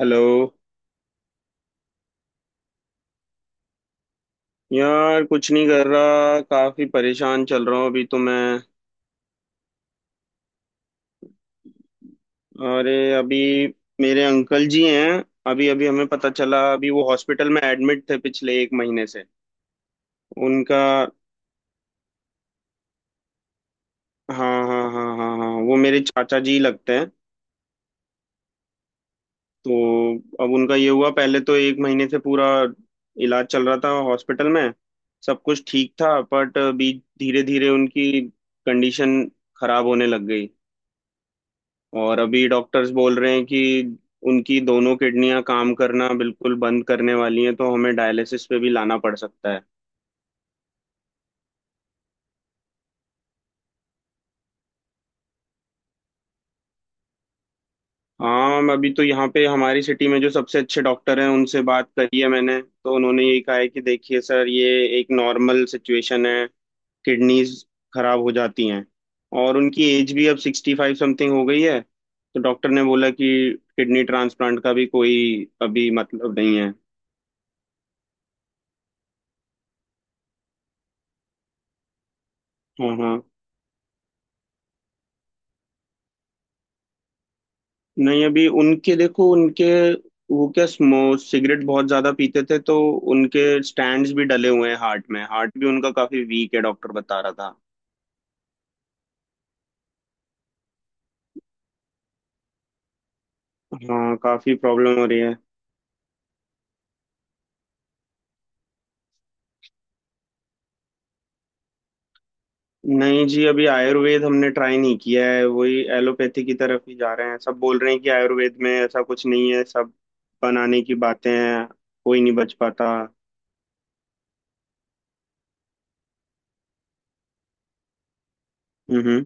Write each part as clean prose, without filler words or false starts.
Hello. यार कुछ नहीं कर रहा, काफी परेशान चल रहा हूँ अभी तो मैं। अरे अभी मेरे अंकल जी हैं। अभी अभी हमें पता चला, अभी वो हॉस्पिटल में एडमिट थे पिछले 1 महीने से। उनका, हाँ हाँ हाँ हाँ हाँ, वो मेरे चाचा जी लगते हैं। तो अब उनका ये हुआ, पहले तो 1 महीने से पूरा इलाज चल रहा था हॉस्पिटल में। सब कुछ ठीक था बट अभी धीरे धीरे उनकी कंडीशन खराब होने लग गई। और अभी डॉक्टर्स बोल रहे हैं कि उनकी दोनों किडनियां काम करना बिल्कुल बंद करने वाली हैं, तो हमें डायलिसिस पे भी लाना पड़ सकता है। हाँ, मैं अभी तो यहाँ पे हमारी सिटी में जो सबसे अच्छे डॉक्टर हैं उनसे बात करी है मैंने, तो उन्होंने यही कहा है कि देखिए सर, ये एक नॉर्मल सिचुएशन है, किडनीज खराब हो जाती हैं। और उनकी एज भी अब 65 समथिंग हो गई है, तो डॉक्टर ने बोला कि किडनी ट्रांसप्लांट का भी कोई अभी मतलब नहीं है। हाँ हाँ। नहीं, अभी उनके, देखो उनके, वो क्या, स्मो सिगरेट बहुत ज्यादा पीते थे, तो उनके स्टैंड्स भी डले हुए हैं हार्ट में। हार्ट भी उनका काफी वीक है, डॉक्टर बता रहा था। हाँ, काफी प्रॉब्लम हो रही है। नहीं जी, अभी आयुर्वेद हमने ट्राई नहीं किया है। वही एलोपैथी की तरफ ही जा रहे हैं। सब बोल रहे हैं कि आयुर्वेद में ऐसा कुछ नहीं है, सब बनाने की बातें हैं, कोई नहीं बच पाता। हम्म।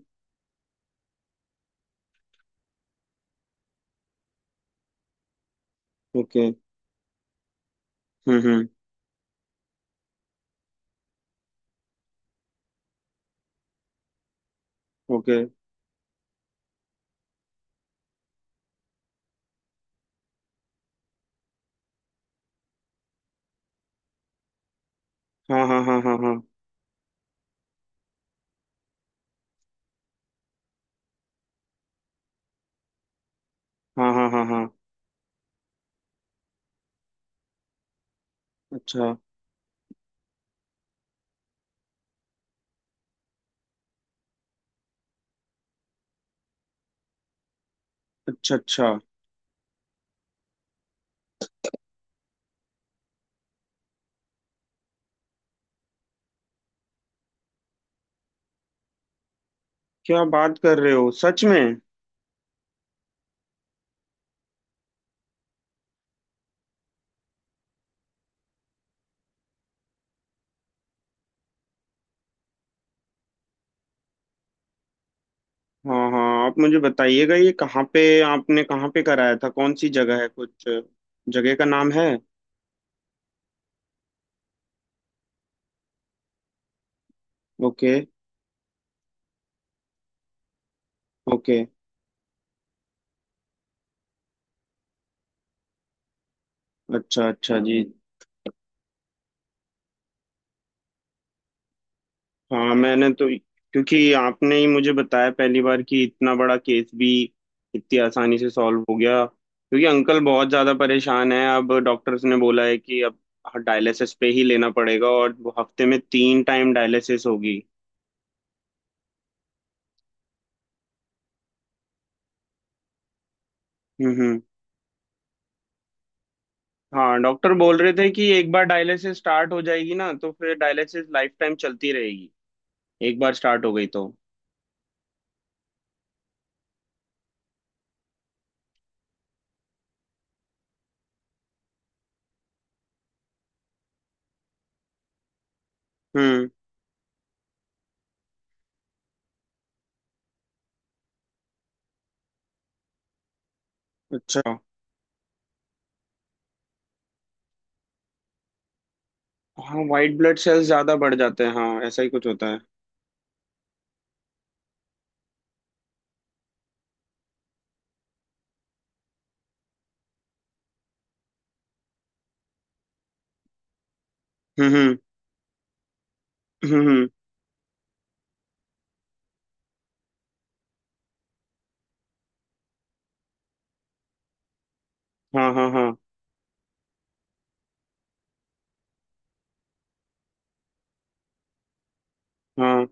ओके। हम्म। ओके। हाँ हाँ हाँ हाँ हाँ हाँ हाँ हाँ हाँ। अच्छा अच्छा। अच्छा। क्या बात कर रहे हो, सच में? हाँ हाँ, आप मुझे बताइएगा, ये कहाँ पे, आपने कहाँ पे कराया था? कौन सी जगह है? कुछ जगह का नाम है? ओके। ओके। अच्छा अच्छा जी। हाँ मैंने तो, क्योंकि आपने ही मुझे बताया पहली बार कि इतना बड़ा केस भी इतनी आसानी से सॉल्व हो गया। क्योंकि अंकल बहुत ज़्यादा परेशान है, अब डॉक्टर्स ने बोला है कि अब डायलिसिस पे ही लेना पड़ेगा, और वो हफ्ते में 3 टाइम डायलिसिस होगी। हम्म। हाँ, डॉक्टर बोल रहे थे कि एक बार डायलिसिस स्टार्ट हो जाएगी ना, तो फिर डायलिसिस लाइफ टाइम चलती रहेगी। एक बार स्टार्ट हो गई तो। हम्म। अच्छा। हाँ, वाइट ब्लड सेल्स ज्यादा बढ़ जाते हैं, हाँ ऐसा ही कुछ होता है। हम्म हम्म। हाँ हाँ हाँ हाँ।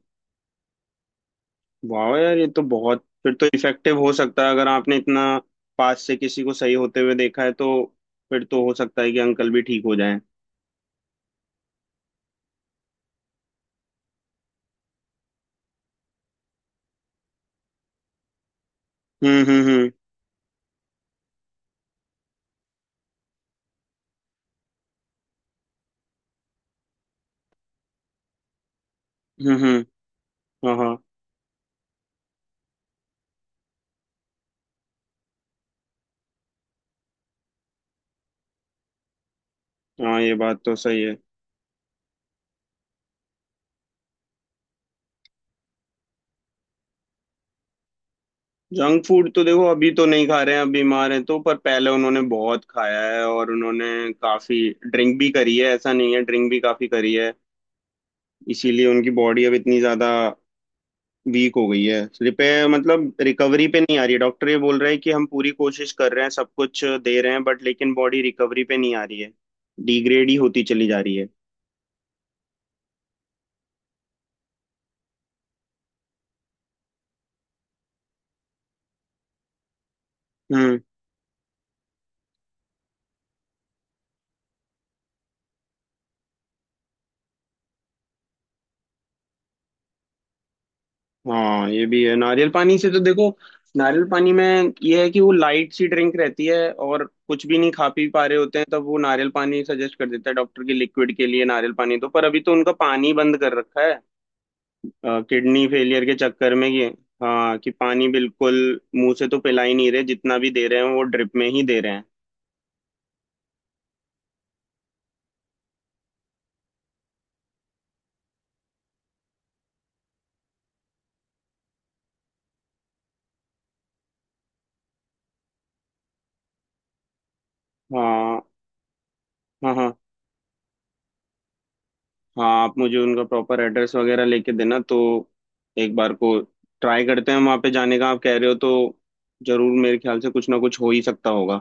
वाह यार, ये तो बहुत, फिर तो इफेक्टिव हो सकता है, अगर आपने इतना पास से किसी को सही होते हुए देखा है, तो फिर तो हो सकता है कि अंकल भी ठीक हो जाएं। हम्म। हम्म हम्म, हाँ हाँ हाँ। ये बात तो सही है। जंक फूड तो देखो अभी तो नहीं खा रहे हैं, अब बीमार हैं तो। पर पहले उन्होंने बहुत खाया है, और उन्होंने काफी ड्रिंक भी करी है। ऐसा नहीं है, ड्रिंक भी काफी करी है। इसीलिए उनकी बॉडी अब इतनी ज्यादा वीक हो गई है, रिपेयर मतलब रिकवरी पे नहीं आ रही है। डॉक्टर ये बोल रहे हैं कि हम पूरी कोशिश कर रहे हैं, सब कुछ दे रहे हैं, बट लेकिन बॉडी रिकवरी पे नहीं आ रही है, डिग्रेड ही होती चली जा रही है। हम्म। हाँ, ये भी है। नारियल पानी से तो देखो, नारियल पानी में ये है कि वो लाइट सी ड्रिंक रहती है, और कुछ भी नहीं खा पी पा रहे होते हैं तब वो नारियल पानी सजेस्ट कर देता है डॉक्टर, की लिक्विड के लिए नारियल पानी। तो पर अभी तो उनका पानी बंद कर रखा है किडनी फेलियर के चक्कर में, ये। हाँ, कि पानी बिल्कुल मुंह से तो पिला ही नहीं रहे, जितना भी दे रहे हैं वो ड्रिप में ही दे रहे हैं। हाँ हाँ। हाँ, हाँ आप मुझे उनका प्रॉपर एड्रेस वगैरह लेके देना, तो एक बार को ट्राई करते हैं वहाँ पे जाने का, आप कह रहे हो तो जरूर। मेरे ख्याल से कुछ ना कुछ हो ही सकता होगा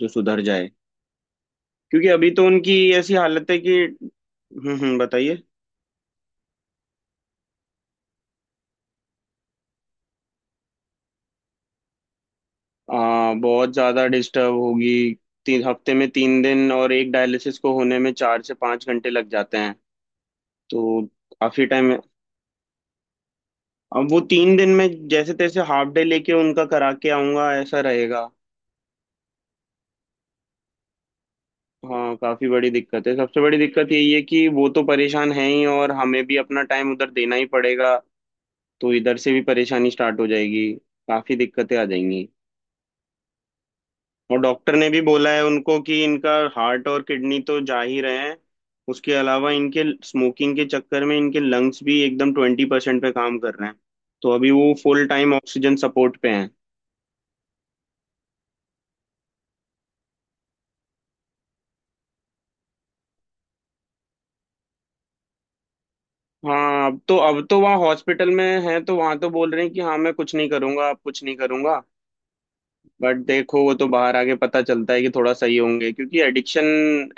जो सुधर जाए, क्योंकि अभी तो उनकी ऐसी हालत है कि, बताइए। बहुत ज़्यादा डिस्टर्ब होगी। 3 हफ्ते में 3 दिन, और एक डायलिसिस को होने में 4 से 5 घंटे लग जाते हैं, तो काफ़ी टाइम है। अब वो 3 दिन में जैसे तैसे हाफ डे लेके उनका करा के आऊंगा, ऐसा रहेगा। हाँ, काफी बड़ी दिक्कत है। सबसे बड़ी दिक्कत यही है कि वो तो परेशान है ही, और हमें भी अपना टाइम उधर देना ही पड़ेगा, तो इधर से भी परेशानी स्टार्ट हो जाएगी। काफी दिक्कतें आ जाएंगी। और डॉक्टर ने भी बोला है उनको कि इनका हार्ट और किडनी तो जा ही रहे हैं, उसके अलावा इनके स्मोकिंग के चक्कर में इनके लंग्स भी एकदम 20% पे काम कर रहे हैं, तो अभी वो फुल टाइम ऑक्सीजन सपोर्ट पे हैं। हाँ अब तो वहाँ हॉस्पिटल में हैं, तो वहाँ तो बोल रहे हैं कि हाँ मैं कुछ नहीं करूंगा, अब कुछ नहीं करूंगा। बट देखो, वो तो बाहर आके पता चलता है कि थोड़ा सही होंगे, क्योंकि एडिक्शन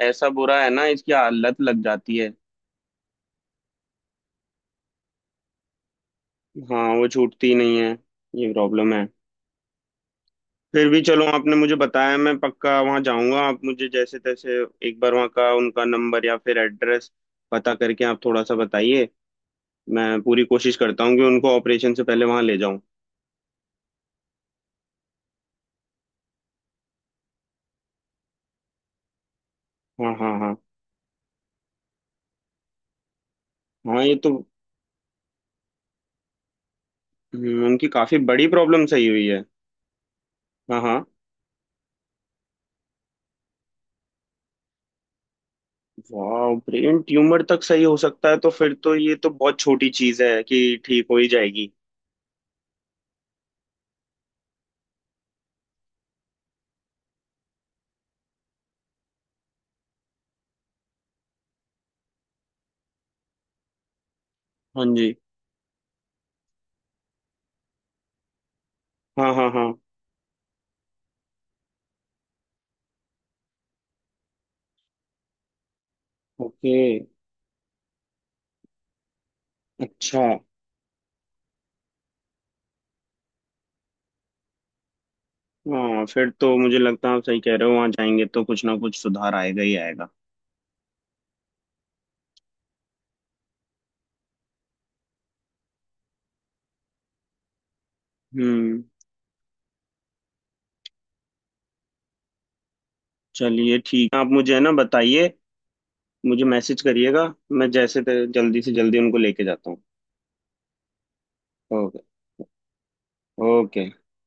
ऐसा बुरा है ना, इसकी आदत लग जाती है। हाँ, वो छूटती ही नहीं है, ये प्रॉब्लम है। फिर भी चलो, आपने मुझे बताया, मैं पक्का वहाँ जाऊंगा। आप मुझे जैसे तैसे एक बार वहाँ का उनका नंबर या फिर एड्रेस पता करके आप थोड़ा सा बताइए। मैं पूरी कोशिश करता हूँ कि उनको ऑपरेशन से पहले वहाँ ले जाऊं। हाँ हाँ हाँ हाँ, ये तो, उनकी काफी बड़ी प्रॉब्लम सही हुई है। हाँ हाँ। वाह, ब्रेन ट्यूमर तक सही हो सकता है, तो फिर तो ये तो बहुत छोटी चीज है, कि ठीक हो ही जाएगी। हाँ जी। हाँ हाँ हाँ। ओके। अच्छा। हाँ, फिर तो मुझे लगता है आप सही कह रहे हो, वहां जाएंगे तो कुछ ना कुछ सुधार आएगा ही आएगा। हम्म। चलिए ठीक, आप मुझे है ना बताइए, मुझे मैसेज करिएगा। मैं जल्दी से जल्दी उनको लेके जाता हूँ। ओके। ओके।